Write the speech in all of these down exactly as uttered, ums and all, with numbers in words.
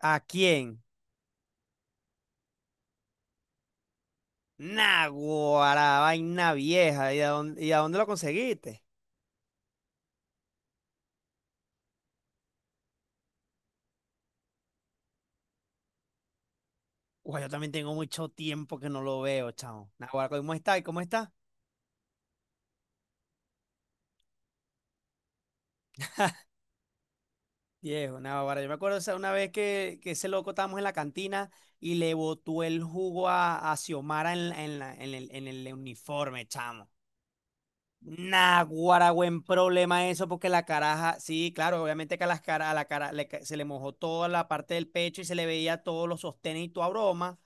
¿A quién? Naguará, vaina vieja. ¿Y a dónde, y a dónde lo conseguiste? Uy, yo también tengo mucho tiempo que no lo veo, chamo. Naguará, ¿cómo está? ¿Y cómo está? Viejo, Naguará, yo me acuerdo esa- una vez que, que ese loco estábamos en la cantina y le botó el jugo a, a Xiomara en, la- en, la- en el, en el uniforme, chamo. Naguará, buen problema eso, porque la caraja, sí, claro, obviamente que a, las cara, a la cara le ca- se le mojó toda la parte del pecho y se le veía todos los sostenes y toda broma.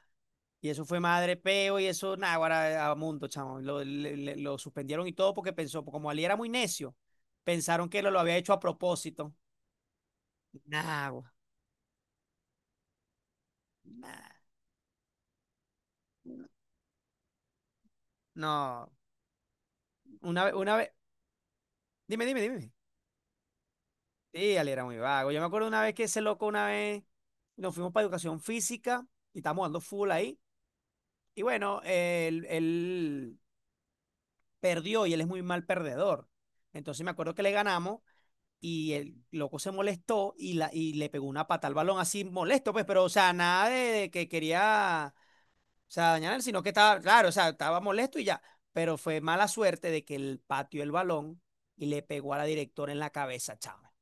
Y eso fue madre peo y eso, nada, ahora a mundo, chamo. Lo, le- le- lo suspendieron y todo porque pensó, como Ali era muy necio, pensaron que lo, lo había hecho a propósito. Nah, gua, nah. No, una vez, una vez, dime, dime, dime. Sí, Ali era muy vago. Yo me acuerdo una vez que ese loco, una vez, nos fuimos para educación física y estábamos dando full ahí. Y bueno, él, él perdió y él es muy mal perdedor. Entonces me acuerdo que le ganamos y el loco se molestó y, la, y le pegó una pata al balón así molesto, pues, pero, o sea, nada de, de que quería, o sea, dañar, sino que estaba, claro, o sea, estaba molesto y ya, pero fue mala suerte de que él pateó el balón y le pegó a la directora en la cabeza, chama.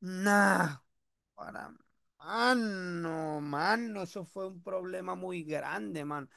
Nah, para, mano, mano, eso fue un problema muy grande, mano.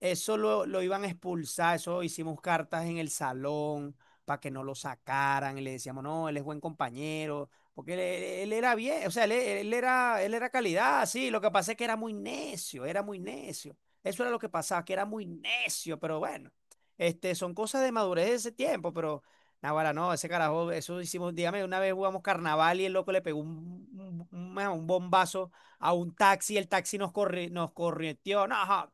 Eso lo, lo iban a expulsar, eso hicimos cartas en el salón para que no lo sacaran, y le decíamos, no, él es buen compañero, porque él, él- él era bien, o sea, él, e, él era, él era calidad, sí, lo que pasa es que era muy necio, era muy necio. Eso era lo que pasaba, que era muy necio, pero bueno, este, son cosas de madurez de ese tiempo, pero naguará, no, ese carajo, eso hicimos, dígame, una vez jugamos carnaval y el loco le pegó un, un, un- un bombazo a un taxi, el taxi nos corri, nos corrió, no, ajá.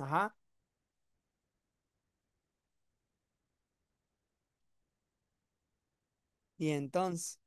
Ajá. Y entonces,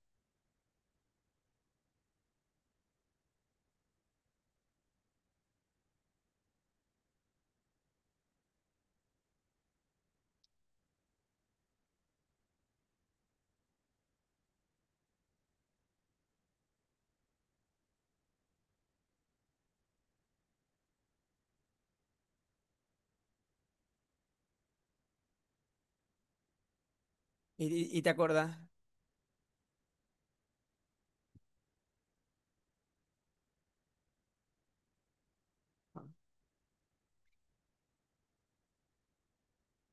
¿y, y- y te acuerdas?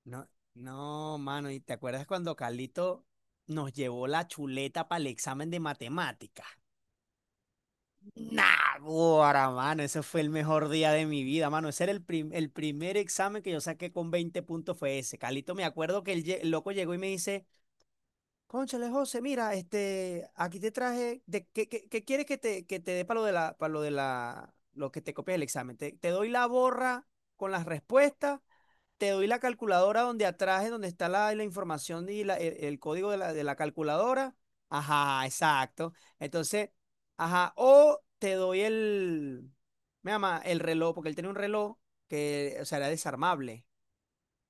No, no, mano, ¿y te acuerdas cuando Carlito nos llevó la chuleta para el examen de matemáticas? Nah, ahora, mano, ese fue el mejor día de mi vida, mano. Ese era el, prim- el primer examen que yo saqué con veinte puntos fue ese. Carlito, me acuerdo que el, lle- el loco llegó y me dice, cónchale, José, mira, este, aquí te traje, de, ¿qué, qué- qué quieres que te, que te dé para lo de la, para lo de la, lo que te copias el examen? Te, te doy la borra con las respuestas. Te doy la calculadora donde atrás es donde está la, la información y la- el, el código de la, de la calculadora. Ajá, exacto. Entonces, ajá, o te doy el, me llama, el reloj, porque él tenía un reloj que, o sea, era desarmable.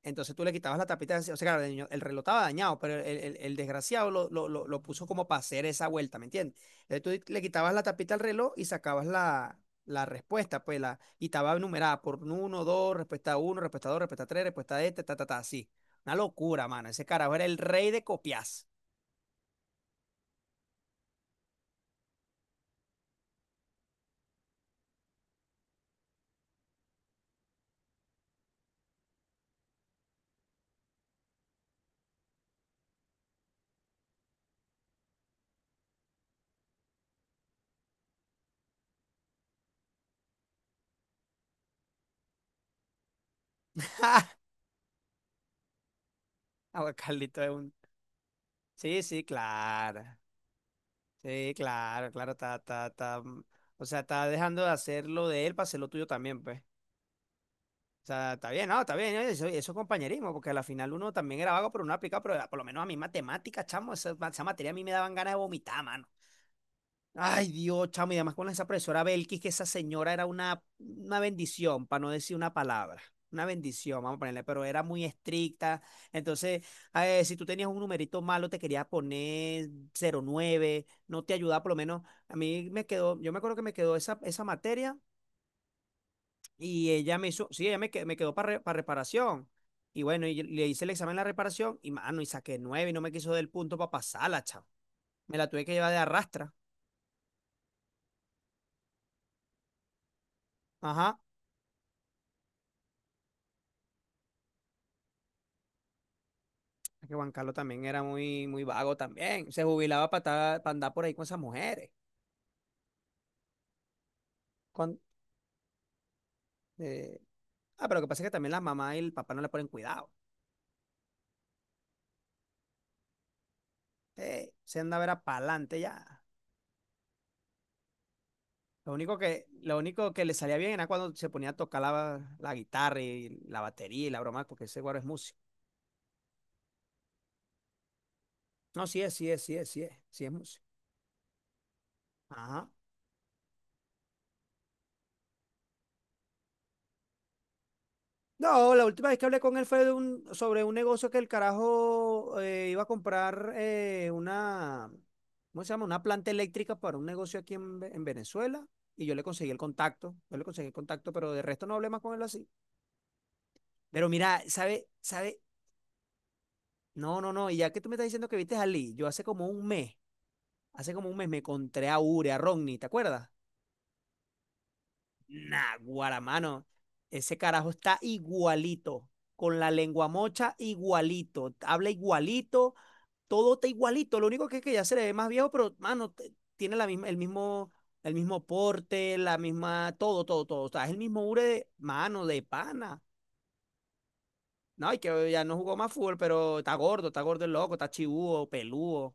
Entonces tú le quitabas la tapita, o sea, claro, el, niño- el reloj estaba dañado, pero el, el- el desgraciado lo, lo- lo- lo puso como para hacer esa vuelta, ¿me entiendes? Entonces tú le quitabas la tapita al reloj y sacabas la, la respuesta, pues, la, y estaba numerada por uno, dos, respuesta uno, respuesta dos, respuesta tres, respuesta este, ta, ta, ta, así. Una locura, mano. Ese carajo era el rey de copias. Ah, bueno, Carlito es un... Sí, sí, claro. Sí, claro, claro, está, está, está. mm, O sea, está dejando de hacer lo de él para hacer lo tuyo también, pues. O sea, está bien, no, está bien, ¿no? eso, eso es compañerismo, porque al final uno también era vago, pero uno aplicaba, pero por lo menos a mí matemáticas, chamo, esa, esa materia a mí me daban ganas de vomitar, mano. Ay, Dios, chamo, y además con esa profesora Belkis, que esa señora era una, una bendición, para no decir una palabra, una bendición, vamos a ponerle, pero era muy estricta, entonces, eh, si tú tenías un numerito malo, te quería poner cero nueve, no te ayudaba, por lo menos, a mí me quedó, yo me acuerdo que me quedó esa, esa materia y ella me hizo, sí, ella me, que- me quedó para reparación. Y bueno, y yo le hice el examen de la reparación y mano, y saqué nueve y no me quiso dar el punto para pasarla, chavo. Me la tuve que llevar de arrastra. Ajá. Es que Juan Carlos también era muy, muy vago también. Se jubilaba para andar por ahí con esas mujeres. Con, eh, Ah, pero lo que pasa es que también la mamá y el papá no le ponen cuidado. Eh, se andaba era para adelante ya. Lo único que, lo único que le salía bien era cuando se ponía a tocar la, la guitarra y la batería y la broma, porque ese guaro es músico. No, sí es, sí es, sí es, sí es, sí es músico. Ajá. No, la última vez que hablé con él fue de un, sobre un negocio que el carajo eh, iba a comprar eh, una, ¿cómo se llama? Una planta eléctrica para un negocio aquí en, Ve- en Venezuela y yo le conseguí el contacto, yo le conseguí el contacto, pero de resto no hablé más con él así. Pero mira, ¿sabe? ¿Sabe? No, no, no, y ya que tú me estás diciendo que viste a Lee, yo hace como un mes, hace como un mes me encontré a Ure, a Ronnie, ¿te acuerdas? Nah, guaramano. Ese carajo está igualito, con la lengua mocha igualito, habla igualito, todo está igualito. Lo único que es que ya se le ve más viejo, pero, mano, t- tiene la misma, el mismo, el mismo porte, la misma, todo, todo, todo. O sea, es el mismo ure de mano, de pana. No, y que ya no jugó más fútbol, pero está gordo, está gordo el loco, está chibúo, peludo.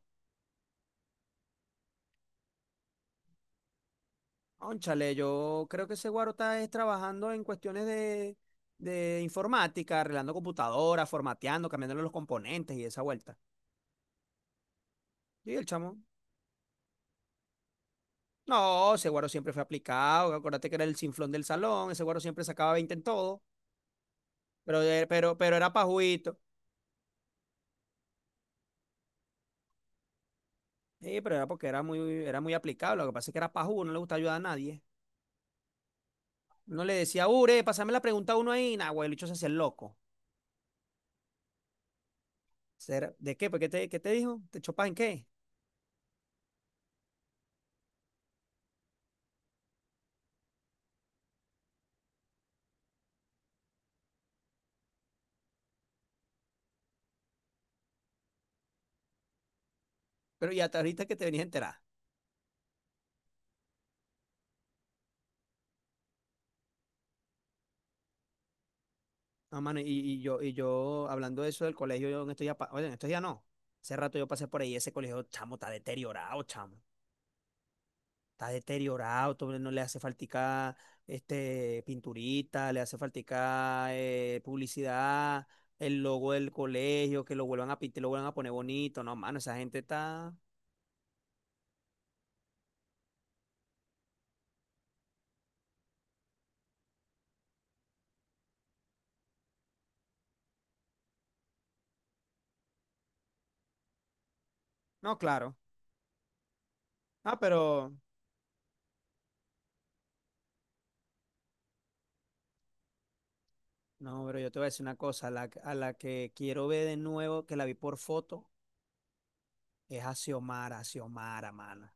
Cónchale, yo creo que ese guaro está es trabajando en cuestiones de, de informática, arreglando computadoras, formateando, cambiándole los componentes y esa vuelta. Y el chamo, no, ese guaro siempre fue aplicado, acuérdate que era el sinflón del salón, ese guaro siempre sacaba veinte en todo, pero, e- pero, pero era pajuito. Sí, pero era porque era muy, era muy aplicado, lo que pasa es que era pajú, no le gusta ayudar a nadie. No le decía, Ure, pásame la pregunta a uno ahí, nah, güey, el bicho se hacía el loco. Será- ¿De qué? ¿Por qué te, qué te dijo? ¿Te chopas en qué? Pero ya hasta ahorita que te venías a enterar. No, mano, y, y yo, y yo, hablando de eso del colegio, yo en estos días, pa- oye, en estos días no. Hace rato yo pasé por ahí, ese colegio, chamo, está deteriorado, chamo. Está deteriorado, todo, no le hace faltica, este, pinturita, le hace faltica, eh, publicidad, el logo del colegio, que lo vuelvan a pintar, lo vuelvan a poner bonito. No, mano, esa gente está. No, claro. Ah, pero. No, pero yo te voy a decir una cosa, a la, a la que quiero ver de nuevo, que la vi por foto, es a Xiomara, Xiomara, mano.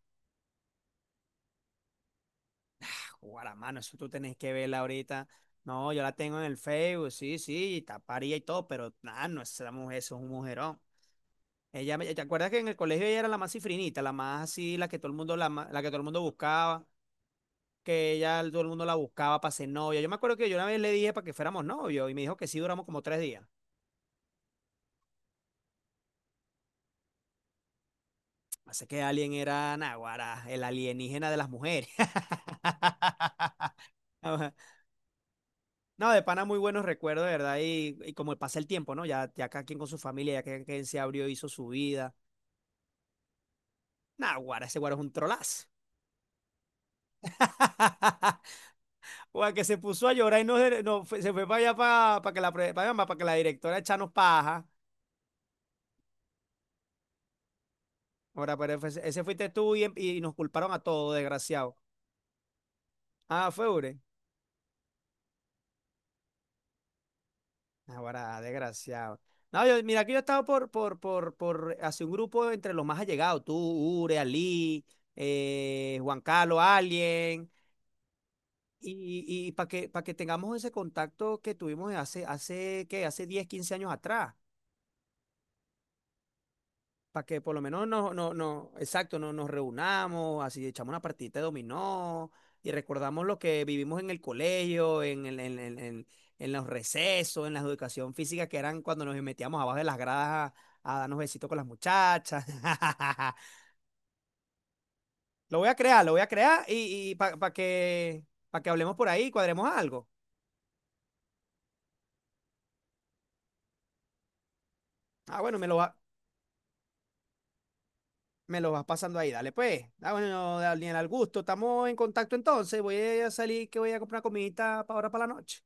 Guaramano, eso tú tenés que verla ahorita. No, yo la tengo en el Facebook, sí, sí, taparía y todo, pero nada, no es esa mujer, eso es un mujerón. Ella, me- ¿te acuerdas que en el colegio ella era la más cifrinita, la más así, la que todo el mundo, la, ma- la que todo el mundo buscaba, que ella, todo el mundo la buscaba para ser novia? Yo me acuerdo que yo una vez le dije para que fuéramos novios y me dijo que sí, duramos como tres días. Así que Alien era Naguará, el alienígena de las mujeres. No, de pana, muy buenos recuerdos, de verdad, y, y como pasa el tiempo, ¿no? Ya, ya cada quien con su familia, ya cada quien se abrió, hizo su vida. Nah, guara, ese guaro es un trolazo. Guara, que se puso a llorar y no, se- no se fue para allá para, para que la para pa' allá, que la directora echanos paja. Ahora, pero ese, fuiste tú y, y nos culparon a todos, desgraciado. Ah, fue Ure. Ahora, desgraciado. No, yo, mira, aquí yo he estado por, por, por, por hacer un grupo entre los más allegados. Tú, Ure, Ali, eh, Juan Carlos, Alien. Y, y y para que, para que tengamos ese contacto que tuvimos hace, hace, ¿qué? Hace diez quince años atrás. Para que por lo menos no, no, no, exacto, no, nos reunamos, así echamos una partidita de dominó y recordamos lo que vivimos en el colegio, en, el- en, en, en- en los recesos, en la educación física, que eran cuando nos metíamos abajo de las gradas a, a darnos besitos con las muchachas. Lo voy a crear, lo voy a crear y, para que, para que hablemos por ahí y cuadremos algo. Ah, bueno, me lo va. Me lo vas pasando ahí, dale pues. Ah, bueno, Daniel, al gusto. Estamos en contacto entonces. Voy a salir que voy a comprar comidita para ahora para la noche.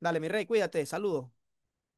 Dale, mi rey, cuídate, saludos.